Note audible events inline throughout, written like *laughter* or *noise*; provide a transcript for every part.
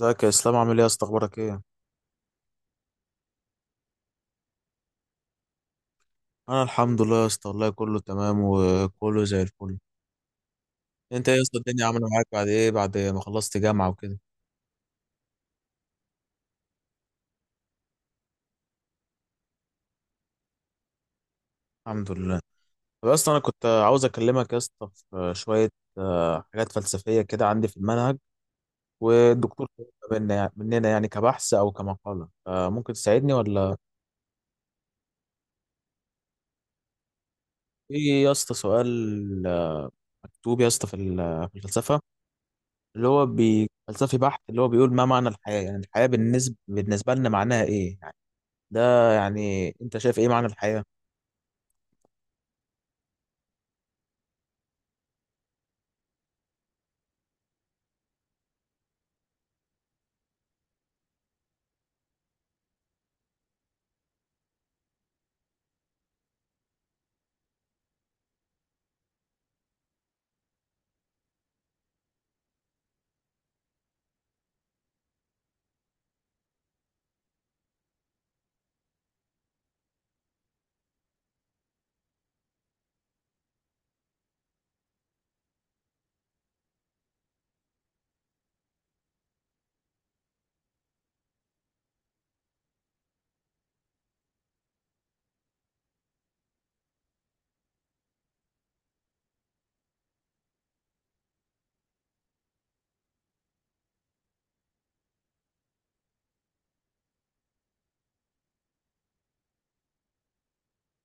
ازيك يا اسلام؟ عامل ايه يا اسطى؟ اخبارك ايه؟ انا الحمد لله يا اسطى والله كله تمام وكله زي الفل. انت ايه يا اسطى، الدنيا عامله معاك بعد ايه، بعد ما خلصت جامعه وكده؟ الحمد لله. طب يا اسطى انا كنت عاوز اكلمك يا اسطى في شويه حاجات فلسفيه كده عندي في المنهج. والدكتور طلبها مننا يعني كبحث او كمقاله، ممكن تساعدني ولا؟ في يا اسطى سؤال، مكتوب يا اسطى في الفلسفه، اللي هو فلسفي بحت، اللي هو بيقول ما معنى الحياه؟ يعني الحياه بالنسبه لنا معناها ايه؟ ده يعني انت شايف ايه معنى الحياة؟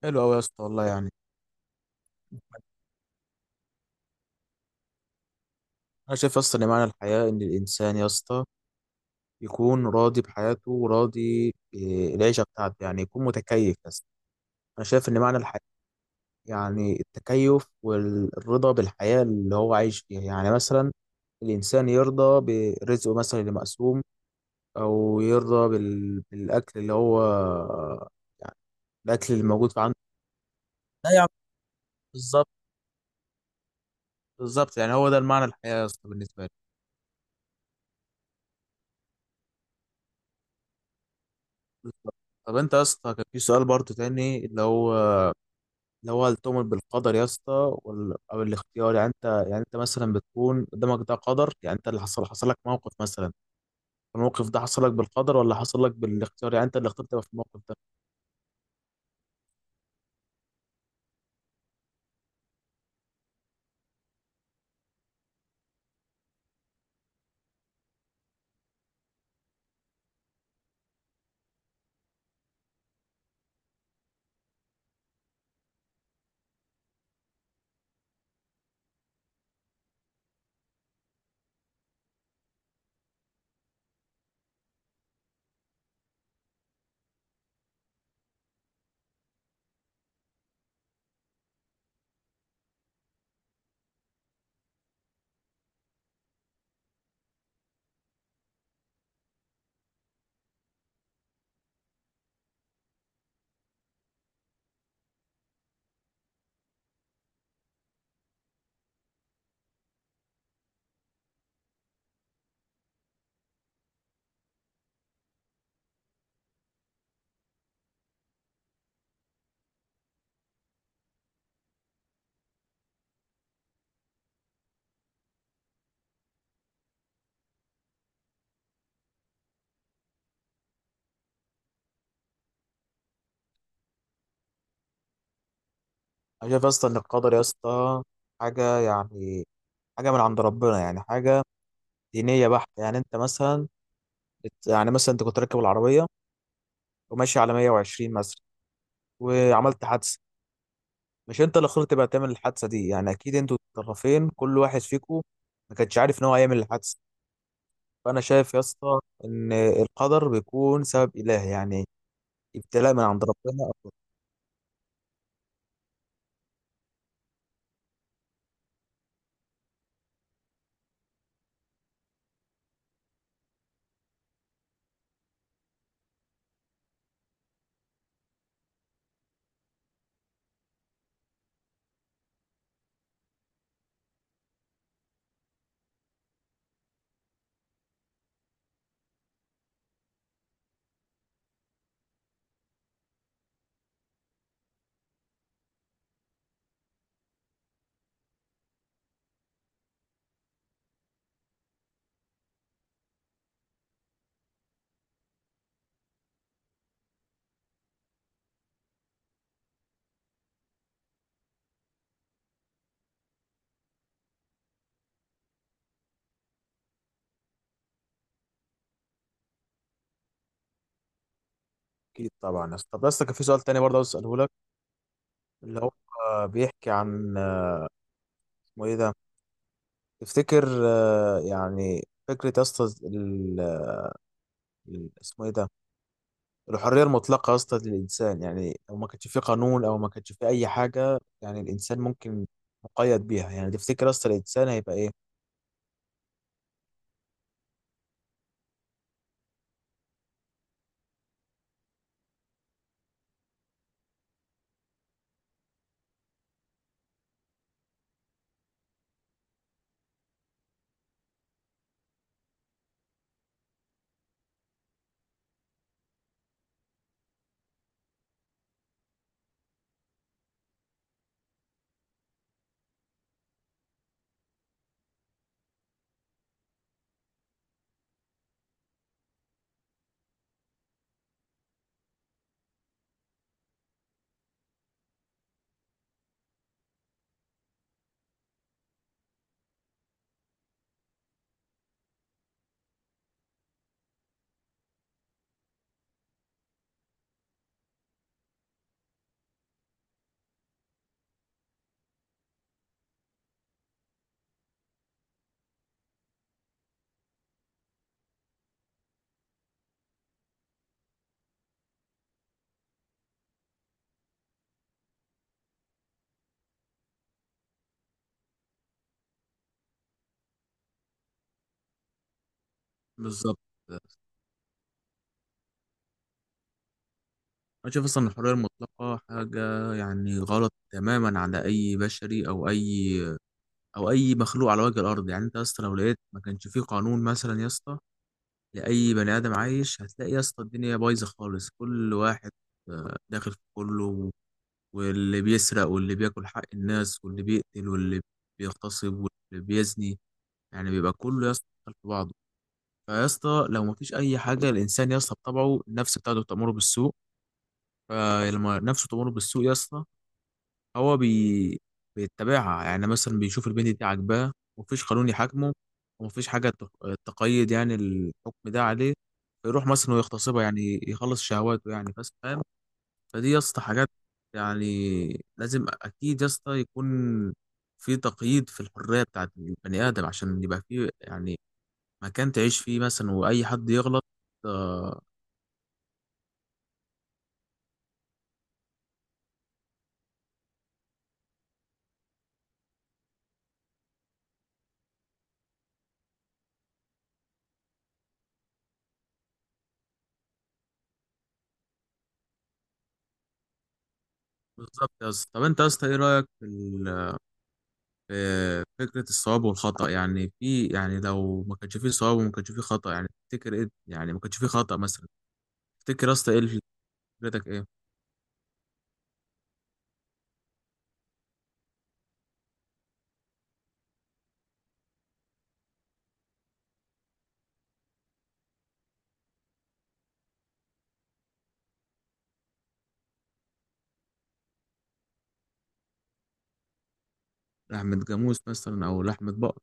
حلو قوي يا اسطى والله يعني. انا شايف اصلا ان معنى الحياة ان الانسان يا اسطى يكون راضي بحياته وراضي بالعيشة بتاعته، يعني يكون متكيف بس. انا شايف ان معنى الحياة يعني التكيف والرضا بالحياة اللي هو عايش فيها، يعني مثلا الانسان يرضى برزقه مثلا اللي مقسوم، او يرضى بالاكل اللي هو يعني الاكل اللي موجود في عنده. ده يعني بالظبط. بالظبط، يعني هو ده المعنى الحياة يا اسطى بالنسبة لي. بالظبط. طب انت يا اسطى كان في سؤال برضه تاني اللي هو، اللي هو التؤمن بالقدر يا اسطى او الاختيار؟ يعني انت، يعني انت مثلا بتكون قدامك ده قدر، يعني انت اللي حصل، حصل لك موقف مثلا، الموقف ده حصل لك بالقدر ولا حصل لك بالاختيار يعني انت اللي اخترت تبقى في الموقف ده؟ انا شايف اصلا ان القدر يا اسطى حاجه يعني، حاجه من عند ربنا يعني، حاجه دينيه بحته. يعني انت مثلا يعني مثلا انت كنت راكب العربيه وماشي على 120 مثلا وعملت حادثه، مش انت اللي اخترت بقى تعمل الحادثه دي، يعني اكيد انتوا الطرفين كل واحد فيكم ما كانش عارف ان هو هيعمل الحادثه. فانا شايف يا اسطى ان القدر بيكون سبب الهي يعني، ابتلاء من عند ربنا. اكيد طبعا يا اسطى. طب يا اسطى كان في سؤال تاني برضه عاوز اساله لك، اللي هو بيحكي عن، اسمه ايه ده، تفتكر يعني فكره يا اسطى اسمه ايه ده، الحريه المطلقه يا اسطى للانسان، يعني لو ما كانش في قانون او ما كانش في اي حاجه يعني الانسان ممكن مقيد بيها، يعني تفتكر يا اسطى الانسان هيبقى ايه؟ بالظبط. انا شايف اصلا الحريه المطلقه حاجه يعني غلط تماما على اي بشري او اي، او اي مخلوق على وجه الارض. يعني انت يا اسطى لو لقيت ما كانش فيه قانون مثلا يا اسطى لاي بني ادم عايش، هتلاقي يا اسطى الدنيا بايظه خالص، كل واحد داخل في كله، واللي بيسرق واللي بياكل حق الناس واللي بيقتل واللي بيغتصب واللي بيزني، يعني بيبقى كله يا اسطى داخل في بعضه. فيا اسطى لو مفيش اي حاجه، الانسان يا اسطى بطبعه النفس بتاعته تأمره بالسوء، فلما نفسه تمر بالسوق يا اسطى هو بي... بيتبعها، يعني مثلا بيشوف البنت دي عاجباه ومفيش قانون يحاكمه ومفيش حاجة تقيد يعني الحكم ده عليه، فيروح مثلا ويغتصبها يعني يخلص شهواته يعني بس، فاهم؟ فدي يا اسطى حاجات يعني لازم أكيد يا اسطى يكون في تقييد في الحرية بتاعت البني آدم عشان يبقى في يعني مكان تعيش فيه مثلا، وأي حد يغلط. آه، بالظبط يا اسطى. طب أنت يا اسطى إيه رأيك في فكرة الصواب والخطأ؟ يعني في، يعني لو ما كانش فيه صواب وما كانش فيه خطأ، يعني تفتكر ايه؟ يعني ما كانش فيه خطأ مثلا، تفتكر يا اسطى ايه فكرتك ايه؟ لحمة جاموس مثلا او لحمة بقر.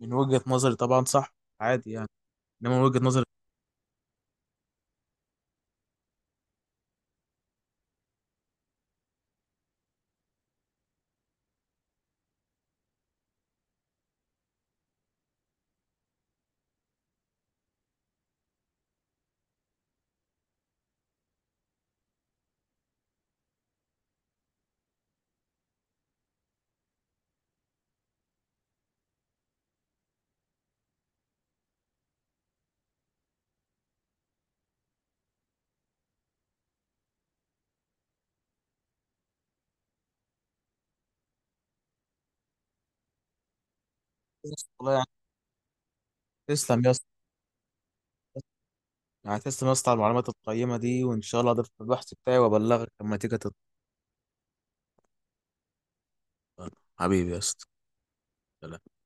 من وجهة نظري طبعا صح. عادي يعني. انما من وجهة نظري *laughs* والله يعني. تسلم يا اسطى، يعني تسلم يا اسطى على المعلومات القيمة دي، وان شاء الله اضيفها في البحث بتاعي وابلغك لما تيجي تطلع. حبيبي يا اسطى. سلام.